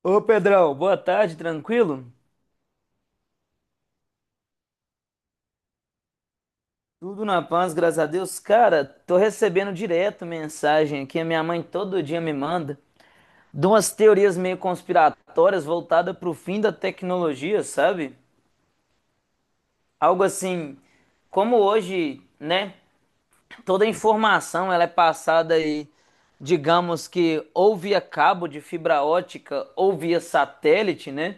Ô Pedrão, boa tarde, tranquilo? Tudo na paz, graças a Deus. Cara, tô recebendo direto mensagem aqui, a minha mãe todo dia me manda, de umas teorias meio conspiratórias voltadas pro fim da tecnologia, sabe? Algo assim, como hoje, né? Toda a informação ela é passada aí, digamos que ou via cabo de fibra ótica ou via satélite, né?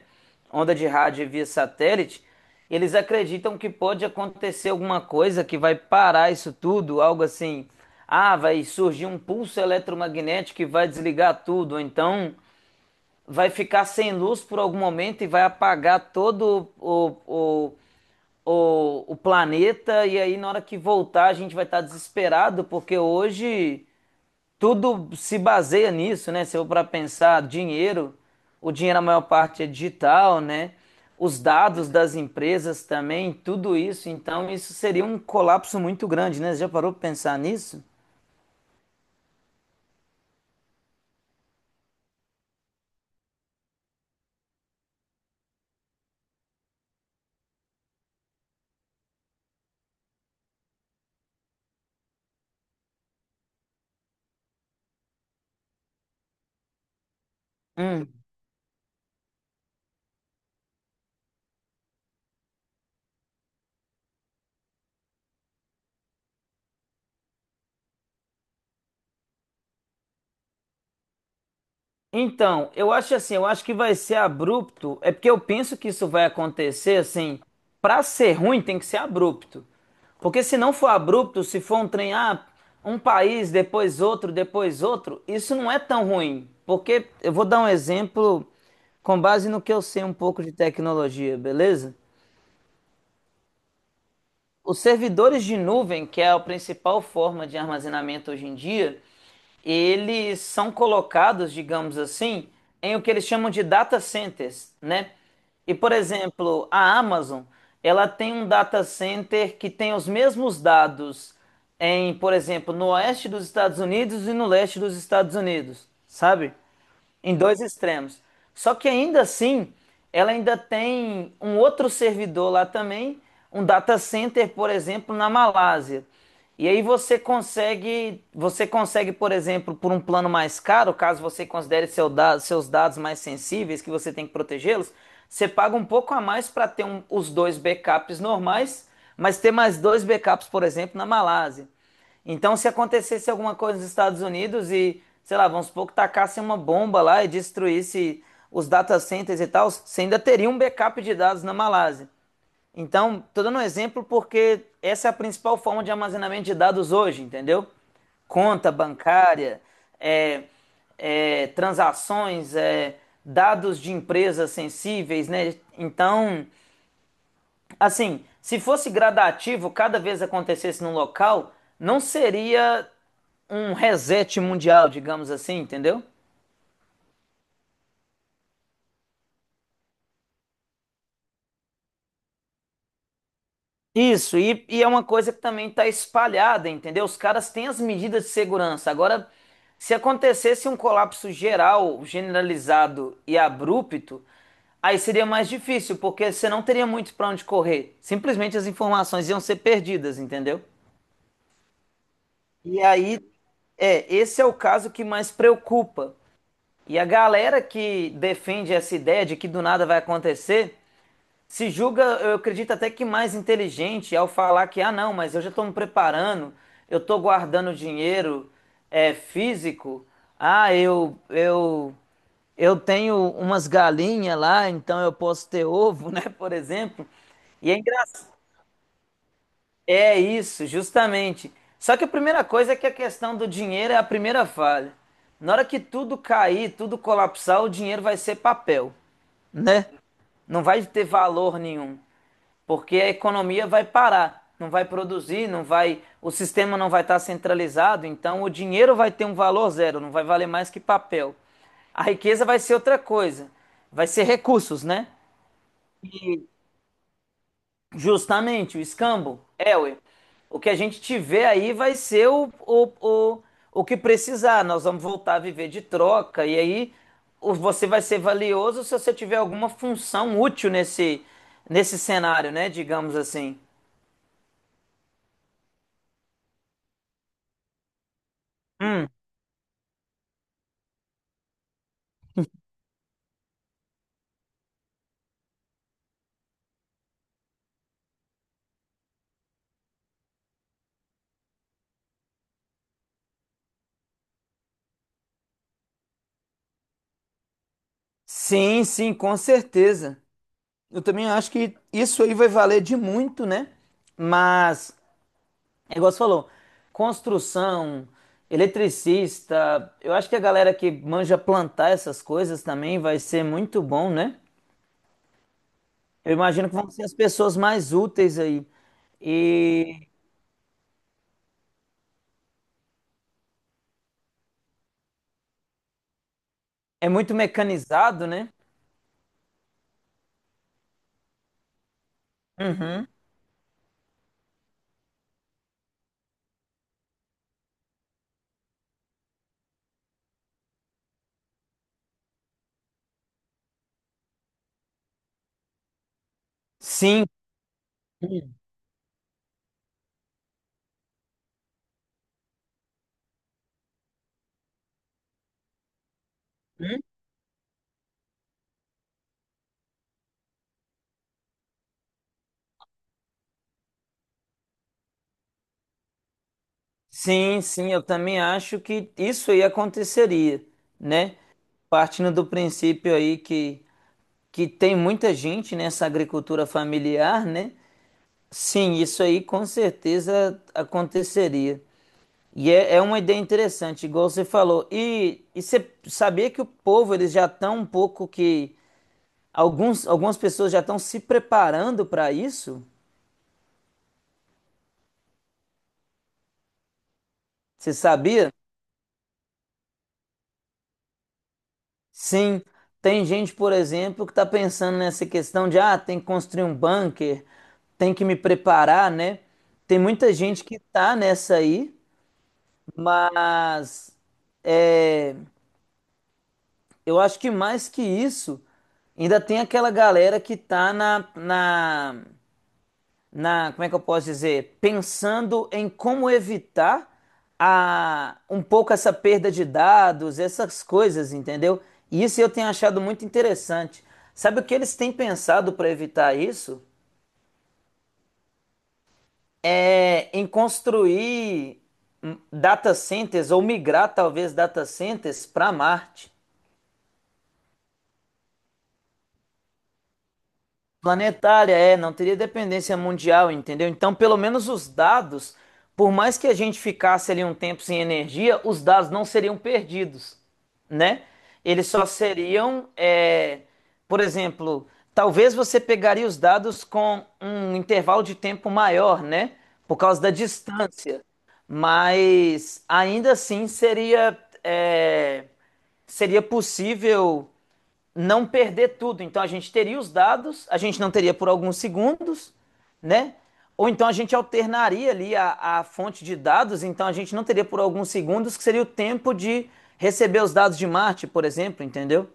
Onda de rádio via satélite. Eles acreditam que pode acontecer alguma coisa que vai parar isso tudo, algo assim. Ah, vai surgir um pulso eletromagnético que vai desligar tudo, ou então vai ficar sem luz por algum momento e vai apagar todo o planeta, e aí na hora que voltar a gente vai estar desesperado, porque hoje tudo se baseia nisso, né? Se eu para pensar, dinheiro, o dinheiro a maior parte é digital, né? Os dados das empresas também, tudo isso, então isso seria um colapso muito grande, né? Você já parou para pensar nisso? Então, eu acho assim, eu acho que vai ser abrupto. É porque eu penso que isso vai acontecer assim, pra ser ruim tem que ser abrupto. Porque se não for abrupto, se for um trem, ah, um país, depois outro, isso não é tão ruim. Porque eu vou dar um exemplo com base no que eu sei um pouco de tecnologia, beleza? Os servidores de nuvem, que é a principal forma de armazenamento hoje em dia, eles são colocados, digamos assim, em o que eles chamam de data centers, né? E, por exemplo, a Amazon, ela tem um data center que tem os mesmos dados em, por exemplo, no oeste dos Estados Unidos e no leste dos Estados Unidos, sabe? Em dois extremos. Só que ainda assim, ela ainda tem um outro servidor lá também, um data center, por exemplo, na Malásia. E aí você consegue, por exemplo, por um plano mais caro, caso você considere seus dados mais sensíveis, que você tem que protegê-los, você paga um pouco a mais para ter os dois backups normais, mas ter mais dois backups, por exemplo, na Malásia. Então, se acontecesse alguma coisa nos Estados Unidos e, sei lá, vamos supor que tacassem uma bomba lá e destruísse os data centers e tal, você ainda teria um backup de dados na Malásia. Então, tô dando um exemplo porque essa é a principal forma de armazenamento de dados hoje, entendeu? Conta bancária, é, é, transações, é, dados de empresas sensíveis, né? Então, assim, se fosse gradativo, cada vez acontecesse num local, não seria um reset mundial, digamos assim, entendeu? Isso, e é uma coisa que também está espalhada, entendeu? Os caras têm as medidas de segurança. Agora, se acontecesse um colapso geral, generalizado e abrupto, aí seria mais difícil, porque você não teria muito para onde correr. Simplesmente as informações iam ser perdidas, entendeu? E aí, é, esse é o caso que mais preocupa. E a galera que defende essa ideia de que do nada vai acontecer, se julga, eu acredito até que mais inteligente ao falar que, ah, não, mas eu já estou me preparando, eu estou guardando dinheiro, é, físico, ah, eu tenho umas galinhas lá, então eu posso ter ovo, né, por exemplo. E é engraçado. É isso, justamente. Só que a primeira coisa é que a questão do dinheiro é a primeira falha. Na hora que tudo cair, tudo colapsar, o dinheiro vai ser papel, né? Não vai ter valor nenhum, porque a economia vai parar, não vai produzir, não vai, o sistema não vai estar centralizado, então o dinheiro vai ter um valor zero, não vai valer mais que papel. A riqueza vai ser outra coisa, vai ser recursos, né? Justamente, o escambo. É, ué. O que a gente tiver aí vai ser o, o que precisar. Nós vamos voltar a viver de troca. E aí você vai ser valioso se você tiver alguma função útil nesse, nesse cenário, né? Digamos assim. Hum. Sim, sim, com certeza. Eu também acho que isso aí vai valer de muito, né? Mas. É igual você falou, construção, eletricista, eu acho que a galera que manja plantar essas coisas também vai ser muito bom, né? Eu imagino que vão ser as pessoas mais úteis aí. E é muito mecanizado, né? Uhum. Sim, sim, sim, eu também acho que isso aí aconteceria, né? Partindo do princípio aí que tem muita gente nessa agricultura familiar, né? Sim, isso aí com certeza aconteceria. E é uma ideia interessante, igual você falou. E você sabia que o povo, eles já estão um pouco que. Alguns, algumas pessoas já estão se preparando para isso? Você sabia? Sim. Tem gente, por exemplo, que está pensando nessa questão de, ah, tem que construir um bunker, tem que me preparar, né? Tem muita gente que tá nessa aí, mas é, eu acho que mais que isso, ainda tem aquela galera que tá na como é que eu posso dizer, pensando em como evitar a, um pouco essa perda de dados, essas coisas, entendeu? E isso eu tenho achado muito interessante. Sabe o que eles têm pensado para evitar isso? É em construir, data centers ou migrar talvez data centers para Marte. Planetária, é, não teria dependência mundial, entendeu? Então, pelo menos os dados, por mais que a gente ficasse ali um tempo sem energia, os dados não seriam perdidos, né? Eles só seriam, é, por exemplo, talvez você pegaria os dados com um intervalo de tempo maior, né? Por causa da distância, mas ainda assim seria, é, seria possível não perder tudo. Então a gente teria os dados, a gente não teria por alguns segundos, né? Ou então a gente alternaria ali a fonte de dados, então a gente não teria por alguns segundos, que seria o tempo de receber os dados de Marte, por exemplo, entendeu?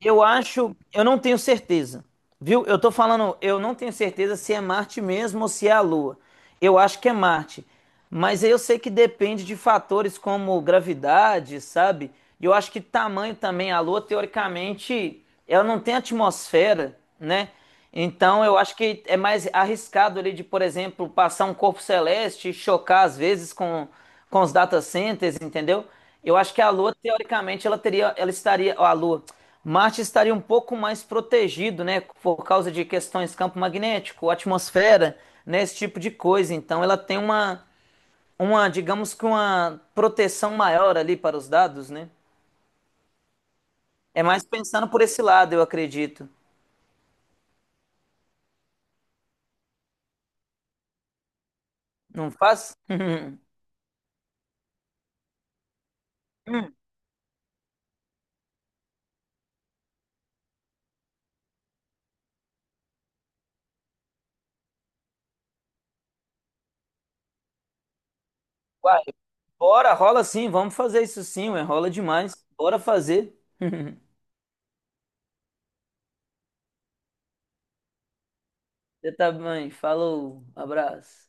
Eu acho, eu não tenho certeza, viu? Eu tô falando, eu não tenho certeza se é Marte mesmo ou se é a Lua. Eu acho que é Marte, mas eu sei que depende de fatores como gravidade, sabe? E eu acho que tamanho também. A Lua, teoricamente, ela não tem atmosfera, né? Então, eu acho que é mais arriscado ele de, por exemplo, passar um corpo celeste e chocar às vezes com os data centers, entendeu? Eu acho que a Lua, teoricamente, ela teria, ela estaria, ó, a Lua, Marte estaria um pouco mais protegido, né, por causa de questões campo magnético, atmosfera, né, esse tipo de coisa. Então, ela tem uma, digamos que uma proteção maior ali para os dados, né? É mais pensando por esse lado, eu acredito. Não faz? Hum. Bora, rola sim, vamos fazer isso sim, ué, rola demais. Bora fazer. Você tá bem, falou, abraço.